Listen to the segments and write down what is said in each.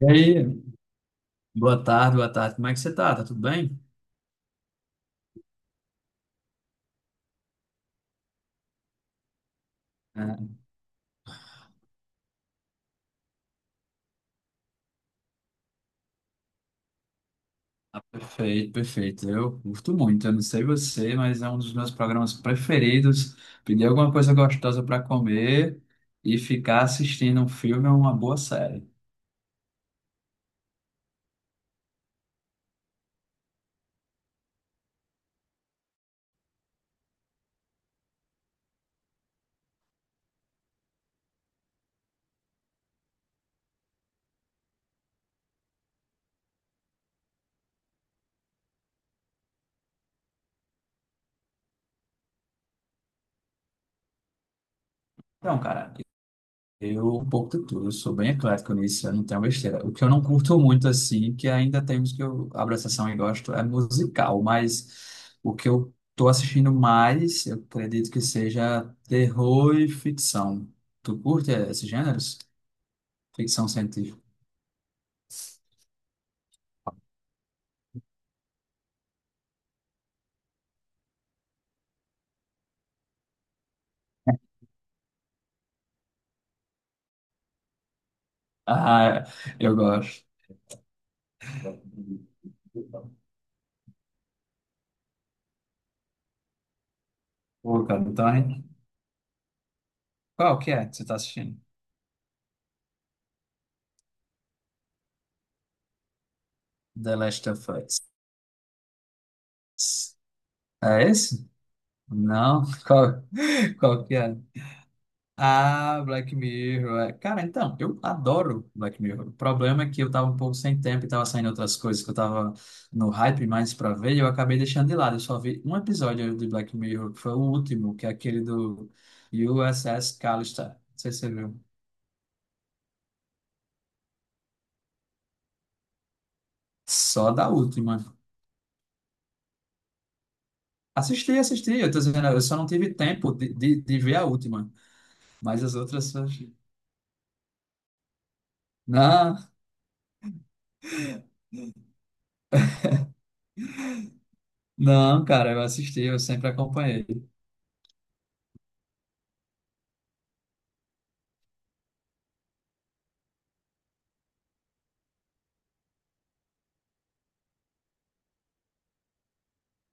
E aí, boa tarde, boa tarde. Como é que você tá? Tá tudo bem? É, ah, perfeito, perfeito. Eu curto muito. Eu não sei você, mas é um dos meus programas preferidos. Pedir alguma coisa gostosa para comer e ficar assistindo um filme ou uma boa série. Então, cara, Eu um pouco de tudo, eu sou bem eclético nisso, eu não tenho besteira. O que eu não curto muito, assim, que ainda temos que eu abro a sessão e gosto, é musical, mas o que eu tô assistindo mais, eu acredito que seja terror e ficção. Tu curte esses gêneros? Ficção científica. Ah, eu gosto. Pô, cara, então, hein? Qual que é que você tá assistindo? The Last of Us. É esse? Não? Qual, qual que é? Ah, Black Mirror. É. Cara, então, eu adoro Black Mirror. O problema é que eu tava um pouco sem tempo e tava saindo outras coisas que eu tava no hype mais pra ver e eu acabei deixando de lado. Eu só vi um episódio de Black Mirror, que foi o último, que é aquele do USS Callister. Não sei se você viu. Só da última. Assisti, assisti. Eu tô dizendo, eu só não tive tempo de ver a última. Mas as outras. Eu achei. Não, não, cara, eu assisti, eu sempre acompanhei.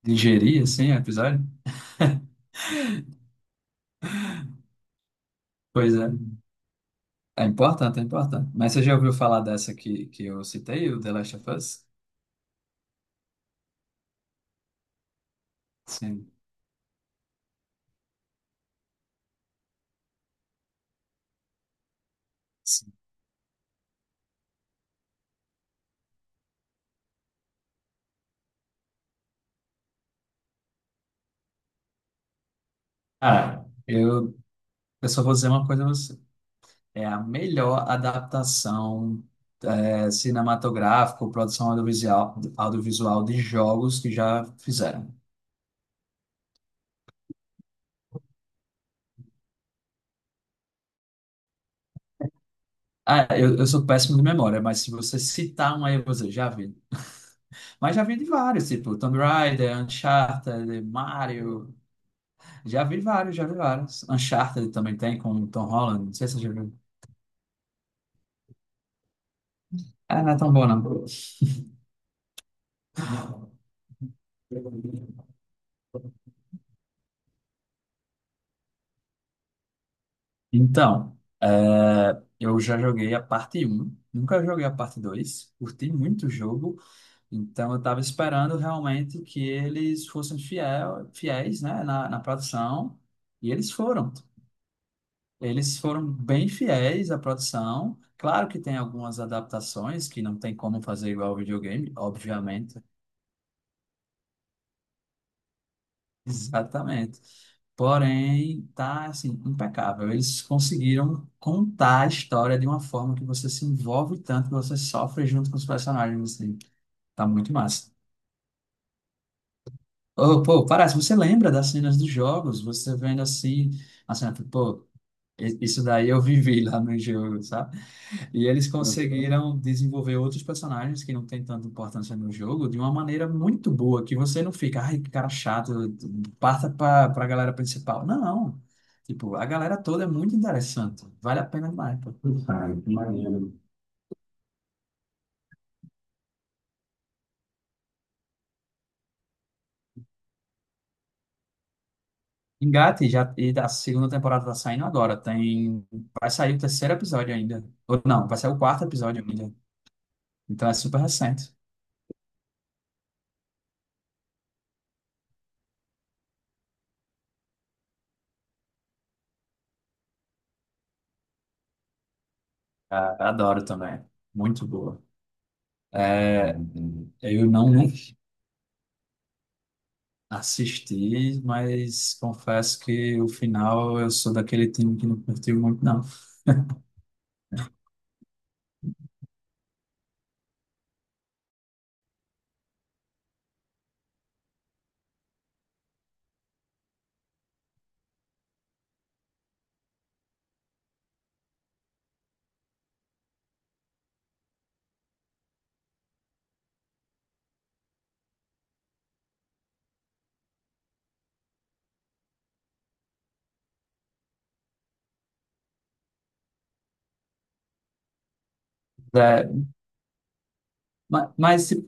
Digerir, assim, o episódio? Pois é. É importante, é importante. Mas você já ouviu falar dessa que eu citei, o The Last of Us? Sim. Sim. Cara, eu só vou dizer uma coisa a você. É a melhor adaptação é, cinematográfica, produção audiovisual, audiovisual de jogos que já fizeram. Ah, eu sou péssimo de memória, mas se você citar um aí, você já vi. Mas já vi de vários, tipo Tomb Raider, Uncharted, Mario, Já vi vários, já vi vários. Uncharted também tem com o Tom Holland. Não sei se você já viu. Ah, não é tão bom, não. Então, é, eu já joguei a parte um nunca joguei a parte 2, curti muito o jogo, então eu estava esperando realmente que eles fossem fiel, fiéis, né, na produção, e eles foram. Eles foram bem fiéis à produção. Claro que tem algumas adaptações que não tem como fazer igual ao videogame, obviamente, Exatamente. Porém, tá assim, impecável. Eles conseguiram contar a história de uma forma que você se envolve tanto que você sofre junto com os personagens, assim. Tá muito massa. Ô, pô, parece, você lembra das cenas dos jogos? Você vendo assim, a cena, tipo, pô, i- isso daí eu vivi lá no jogo, sabe? E eles conseguiram desenvolver outros personagens que não têm tanta importância no jogo de uma maneira muito boa, que você não fica, ai, que cara chato, passa para a galera principal. Não. Tipo, a galera toda é muito interessante. Vale a pena demais, pô. Cara, que maneiro. Engate já, e a segunda temporada tá saindo agora. Tem, vai sair o terceiro episódio ainda. Ou não, vai sair o quarto episódio ainda. Então é super recente. Ah, adoro também. Muito boa. É, eu não, não Assisti, mas confesso que o final eu sou daquele time que não curtiu muito, não. É, ma- mas, se-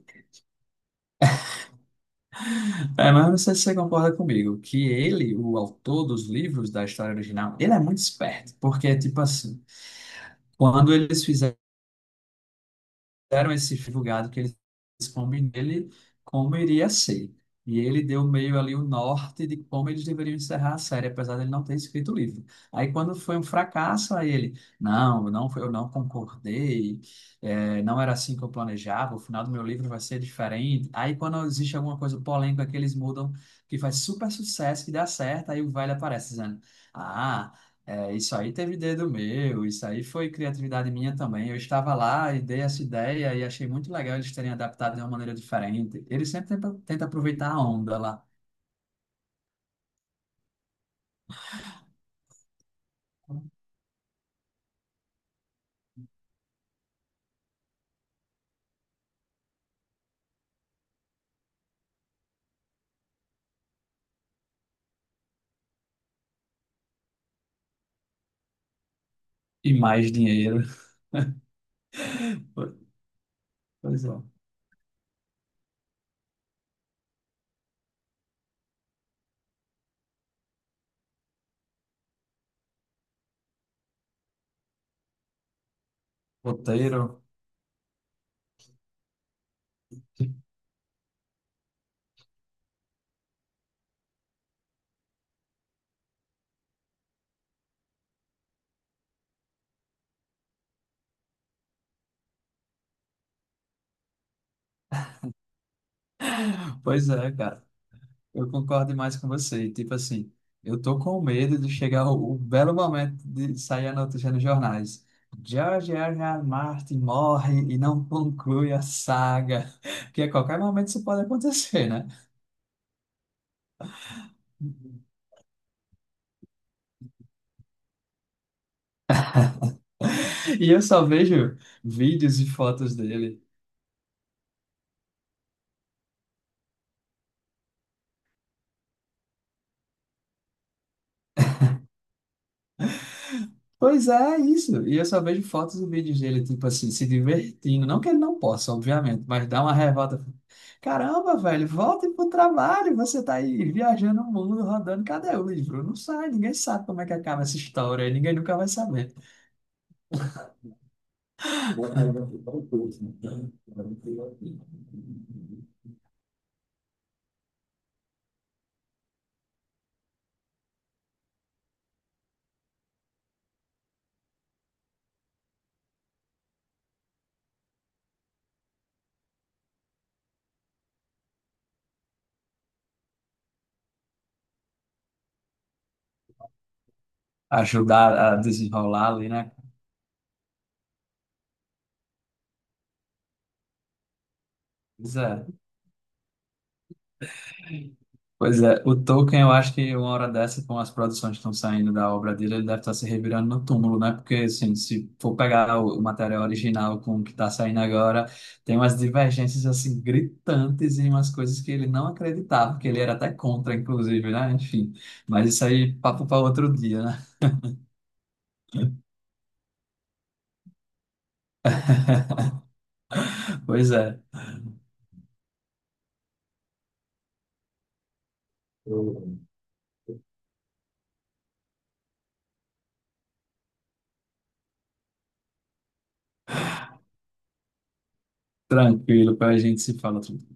é, mas não sei se você concorda comigo, que ele, o autor dos livros da história original, ele é muito esperto, porque é tipo assim, quando eles fizeram deram esse divulgado que eles combem nele, como iria ser. E ele deu meio ali o norte de como eles deveriam encerrar a série, apesar dele não ter escrito o livro. Aí quando foi um fracasso, aí ele, não, não, foi- eu não concordei, não era assim que eu planejava, o final do meu livro vai ser diferente. Aí quando existe alguma coisa polêmica que eles mudam, que faz super sucesso, que dá certo, aí o velho aparece dizendo, ah, é, isso aí teve dedo meu, isso aí foi criatividade minha também. Eu estava lá e dei essa ideia e achei muito legal eles terem adaptado de uma maneira diferente. Eles sempre tentam tenta aproveitar a onda lá. E mais dinheiro. Pois é. Roteiro. Pois é, cara. Eu concordo demais com você. Tipo assim, eu tô com medo de chegar o belo momento de sair a notícia nos jornais. George R. R. Martin morre e não conclui a saga. Porque a qualquer momento isso pode acontecer, né? E eu só vejo vídeos e fotos dele. Pois é, isso. E eu só vejo fotos e vídeos dele, tipo assim, se divertindo. Não que ele não possa, obviamente, mas dá uma revolta. Caramba, velho, volte pro trabalho. Você tá aí viajando o mundo, rodando. Cadê o livro? Não sai, ninguém sabe como é que acaba essa história. Ninguém nunca vai saber. Ajudar a desenrolar ali, né? Pois é. Pois é, o Tolkien, eu acho que uma hora dessa, com as produções que estão saindo da obra dele, ele deve estar se revirando no túmulo, né? Porque, assim, se for pegar o material original com o que está saindo agora, tem umas divergências, assim, gritantes e umas coisas que ele não acreditava, que ele era até contra, inclusive, né? Enfim, mas isso aí, papo para outro dia, né? Pois é, tranquilo, para a gente se fala outro